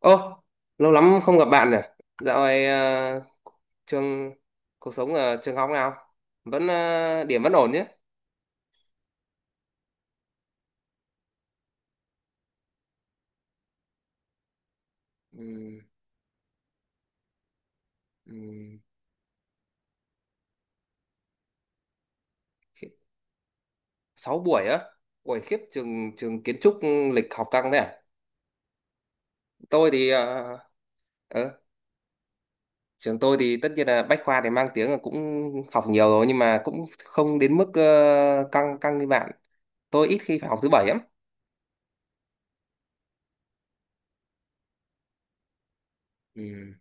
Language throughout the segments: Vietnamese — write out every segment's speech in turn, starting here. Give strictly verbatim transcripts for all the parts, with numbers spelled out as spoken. Ô, lâu lắm không gặp bạn rồi. Dạo này ờ, trường, cuộc sống ở trường học nào? Vẫn ờ, điểm vẫn ổn chứ? Ừm, ừm, khi- Sáu buổi á. Buổi khiếp, trường trường kiến trúc lịch học căng thế à? Tôi thì ờ, ờ, trường tôi thì tất nhiên là Bách Khoa thì mang tiếng là cũng học nhiều rồi, nhưng mà cũng không đến mức ờ, căng căng như bạn. Tôi ít khi phải học thứ bảy lắm. Ừ.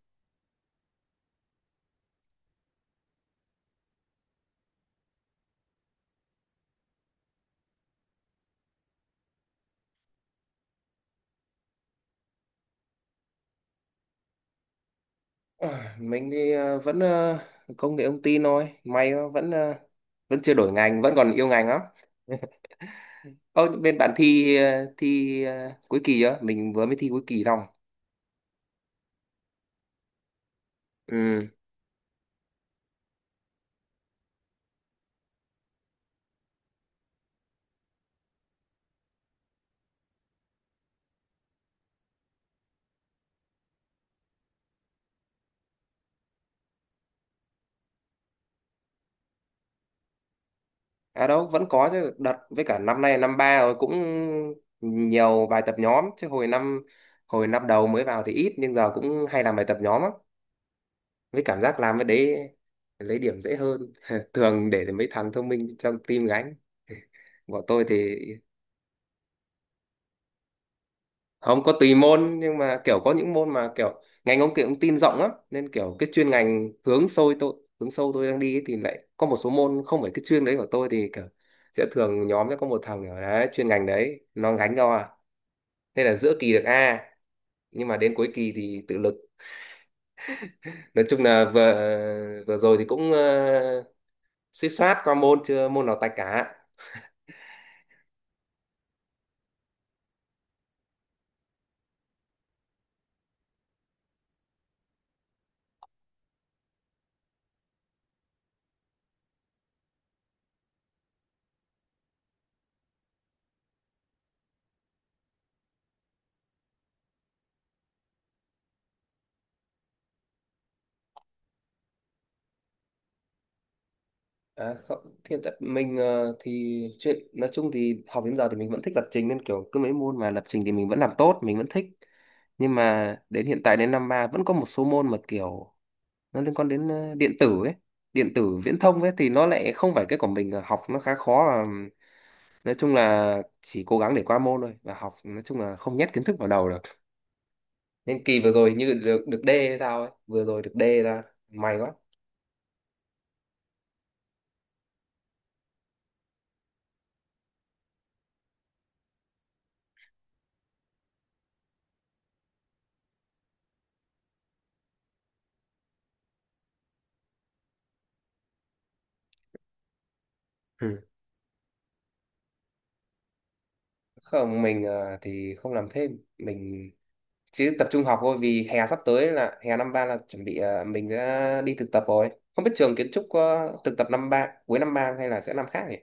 À, mình thì ờ, vẫn ờ, công nghệ thông tin thôi, may quá, vẫn ờ, vẫn chưa đổi ngành, vẫn còn yêu ngành lắm. Ơ, bên bạn thi ờ, thi ờ, cuối kỳ chưa? Mình vừa mới thi cuối kỳ xong. Ừ, à, đâu vẫn có chứ, đợt với cả năm nay là năm ba rồi cũng nhiều bài tập nhóm chứ hồi năm hồi năm đầu mới vào thì ít, nhưng giờ cũng hay làm bài tập nhóm lắm. Với cảm giác làm cái đấy lấy điểm dễ hơn thường để mấy thằng thông minh trong team gánh. Bọn tôi thì không có, tùy môn, nhưng mà kiểu có những môn mà kiểu ngành ông kia cũng tin rộng lắm, nên kiểu cái chuyên ngành hướng sâu tôi hướng sâu tôi đang đi ấy, thì lại có một số môn không phải cái chuyên đấy của tôi thì kiểu sẽ thường nhóm sẽ có một thằng ở đấy chuyên ngành đấy nó gánh cho, à nên là giữa kỳ được A, nhưng mà đến cuối kỳ thì tự lực. Nói chung là vừa vừa rồi thì cũng uh, suýt soát qua môn, chưa môn nào tạch cả. À, không, thì hiện tại mình ờ, thì chuyện nói chung thì học đến giờ thì mình vẫn thích lập trình, nên kiểu cứ mấy môn mà lập trình thì mình vẫn làm tốt, mình vẫn thích. Nhưng mà đến hiện tại, đến năm ba vẫn có một số môn mà kiểu nó liên quan đến ờ, điện tử ấy, điện tử viễn thông ấy, thì nó lại không phải cái của mình, ờ, học nó khá khó, và nói chung là chỉ cố gắng để qua môn thôi, và học nói chung là không nhét kiến thức vào đầu được. Nên kỳ vừa rồi như được được D hay sao ấy, vừa rồi được D ra, may quá. Ừ. Không, mình ờ, thì không làm thêm. Mình chứ tập trung học thôi, vì hè sắp tới là hè năm ba là chuẩn bị ờ, mình đã đi thực tập rồi. Không biết trường kiến trúc có thực tập năm ba, cuối năm ba hay là sẽ năm khác nhỉ?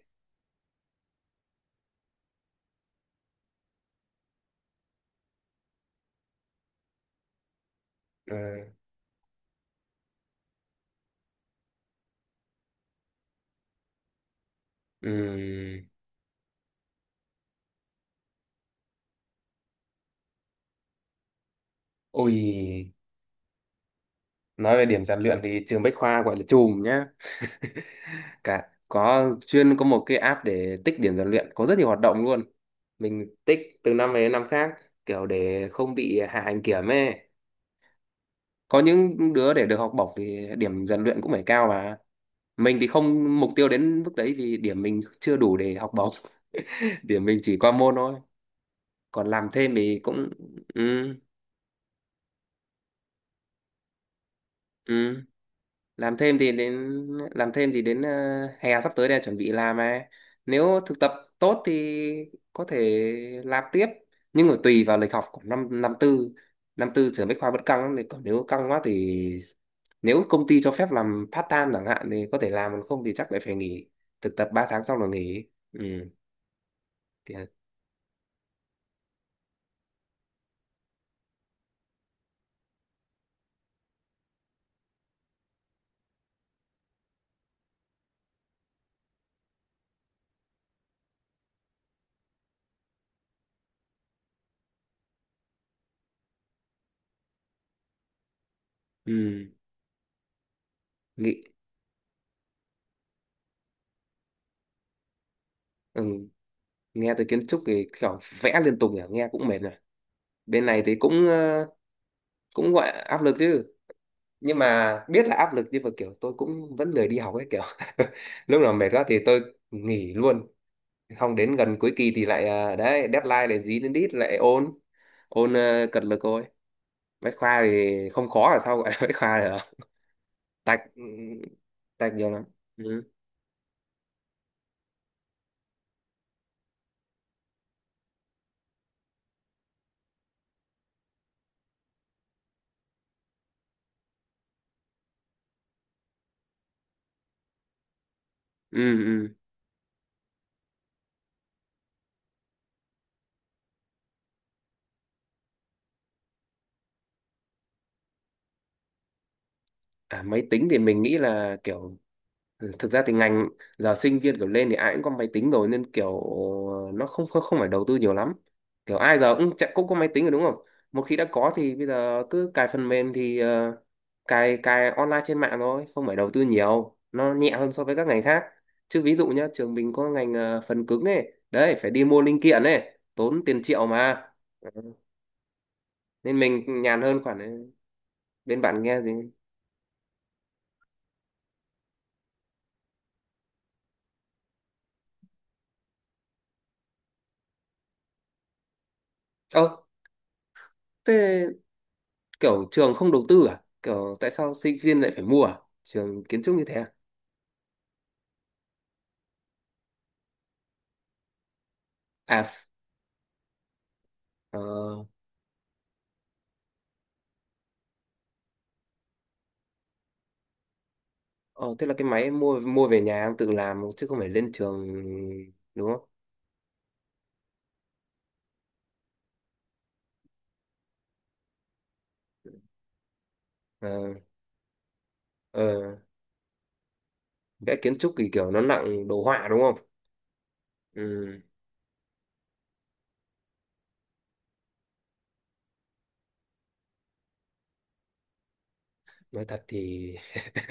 Ừ. Ừm. Ôi, nói về điểm rèn luyện thì trường Bách Khoa gọi là chùm nhá. Cả có chuyên có một cái app để tích điểm rèn luyện, có rất nhiều hoạt động luôn, mình tích từ năm này đến năm khác, kiểu để không bị hạ hành kiểm ấy. Có những đứa để được học bổng thì điểm rèn luyện cũng phải cao, mà mình thì không mục tiêu đến mức đấy vì điểm mình chưa đủ để học bổng. Điểm mình chỉ qua môn thôi. Còn làm thêm thì cũng ừ, ừ, làm thêm thì đến làm thêm thì đến ờ, hè sắp tới đây chuẩn bị làm, mà nếu thực tập tốt thì có thể làm tiếp. Nhưng mà tùy vào lịch học của năm năm tư. Năm tư trường Bách Khoa vẫn căng lắm, thì còn nếu căng quá thì nếu công ty cho phép làm part time chẳng hạn thì có thể làm, còn không thì chắc lại phải nghỉ. Thực tập ba tháng xong là nghỉ. Ừ. thì- ừ. Nghĩ ừ, nghe tới kiến trúc thì kiểu vẽ liên tục nhỉ, nghe cũng mệt rồi. Bên này thì cũng ờ, cũng gọi là áp lực chứ. Nhưng mà biết là áp lực, nhưng mà kiểu tôi cũng vẫn lười đi học ấy, kiểu lúc nào mệt quá thì tôi nghỉ luôn, không đến gần cuối kỳ thì lại ờ, đấy, deadline để dí đến đít lại ôn, ôn ờ, cật lực thôi. Bách Khoa thì không khó là sao gọi là Bách Khoa được. Tạch, ừ, tạch nhiều lắm. Ừ. Ừ, ừ. À, máy tính thì mình nghĩ là kiểu ừ, thực ra thì ngành giờ sinh viên kiểu lên thì ai cũng có máy tính rồi, nên kiểu nó không không, không phải đầu tư nhiều lắm. Kiểu ai giờ cũng chạy- cũng có máy tính rồi đúng không? Một khi đã có thì bây giờ cứ cài phần mềm thì ờ, cài cài online trên mạng thôi, không phải đầu tư nhiều, nó nhẹ hơn so với các ngành khác. Chứ ví dụ nhá, trường mình có ngành ờ, phần cứng ấy đấy, phải đi mua linh kiện ấy tốn tiền triệu mà. Ừ. Nên mình nhàn hơn khoản ấy. Bên bạn nghe gì? Ờ, thế kiểu trường không đầu tư à, kiểu tại sao sinh viên lại phải mua à, trường kiến trúc như thế à? à ph- ờ, ờ, thế là cái máy em mua, mua về nhà em tự làm chứ không phải lên trường đúng không? Ờ, ờ, vẽ kiến trúc thì kiểu nó nặng đồ họa đúng không? Ừ, nói thật thì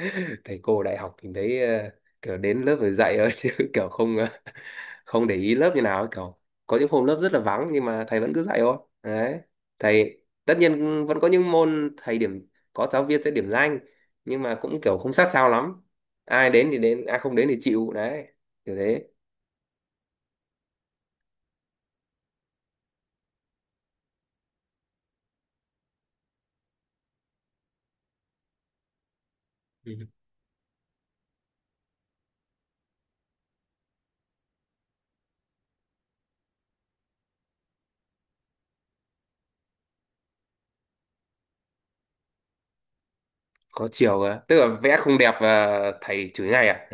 thầy cô đại học mình thấy ờ, kiểu đến lớp rồi dạy thôi chứ, kiểu không ờ, không để ý lớp như nào ấy cậu. Có những hôm lớp rất là vắng nhưng mà thầy vẫn cứ dạy thôi, đấy. Thầy tất nhiên vẫn có những môn thầy điểm, có giáo viên sẽ điểm danh, nhưng mà cũng kiểu không sát sao lắm. Ai đến thì đến, ai không đến thì chịu đấy, kiểu thế. Ừ. Có chiều cơ, tức là vẽ không đẹp và thầy chửi ngay à?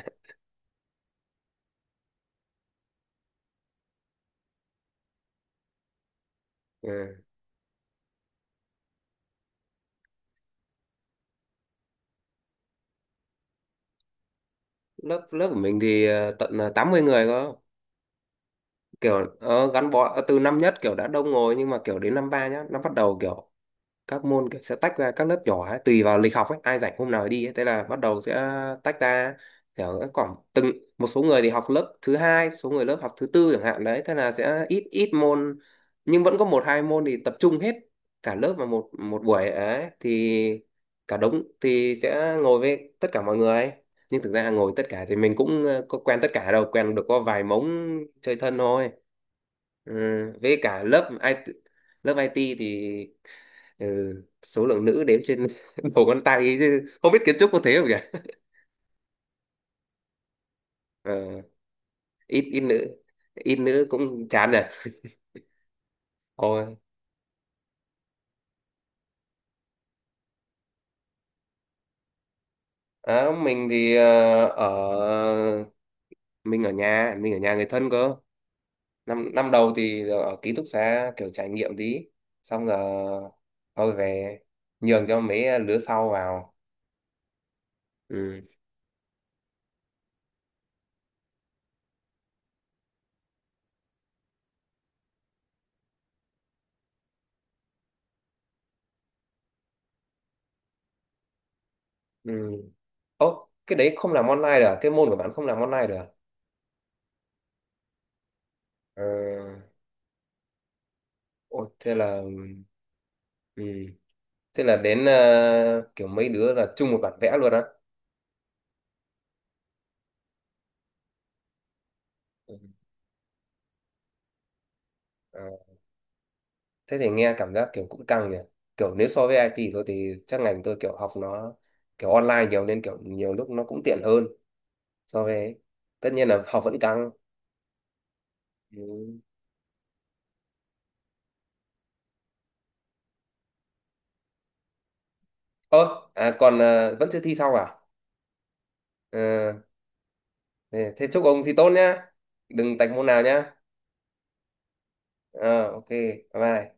Ừ. lớp lớp của mình thì ờ, tận ờ, tám mươi người cơ. Kiểu ờ, gắn bó ờ, từ năm nhất kiểu đã đông rồi, nhưng mà kiểu đến năm ba nhá nó bắt đầu kiểu các môn kiểu sẽ tách ra các lớp nhỏ ấy, tùy vào lịch học ấy, ai rảnh hôm nào đi ấy. Thế là bắt đầu sẽ tách ra, kiểu các khoảng từng, một số người thì học lớp thứ hai, số người lớp học thứ tư chẳng hạn đấy, thế là sẽ ít ít môn. Nhưng vẫn có một hai môn thì tập trung hết cả lớp vào một một buổi ấy, thì cả đống thì sẽ ngồi với tất cả mọi người. Nhưng thực ra ngồi tất cả thì mình cũng ờ, có quen tất cả đâu, quen được có vài mống chơi thân thôi. Ừ, với cả lớp i ti, lớp i ti thì ừ, số lượng nữ đếm trên đầu ngón tay ấy, chứ không biết kiến trúc có thế không nhỉ? Ờ, ít, ít nữ, ít nữ cũng chán rồi. Ôi, à, mình thì ờ, ở mình ở nhà, mình ở nhà người thân cơ. Năm năm đầu thì ở ký túc xá kiểu trải nghiệm tí, xong rồi thôi về, nhường cho mấy lứa sau vào. Ừ, ừ. Ố, cái đấy không làm online được à? Cái môn của bạn không làm online được à? Ờ, ôi thế là ừ. Thế là đến ờ, kiểu mấy đứa là chung một bản vẽ luôn á. Ừ. Ờ, thế thì nghe cảm giác kiểu cũng căng nhỉ. Kiểu nếu so với i ti thì tôi thì chắc ngành tôi kiểu học nó kiểu online nhiều, nên kiểu nhiều lúc nó cũng tiện hơn so với ấy. Tất nhiên là học vẫn căng. Ừ. Ơ, à, còn ờ, vẫn chưa thi xong à? Ờ, thế thế chúc ông thi tốt nhá. Đừng tạch môn nào nhá. Ờ, ok, bye bye.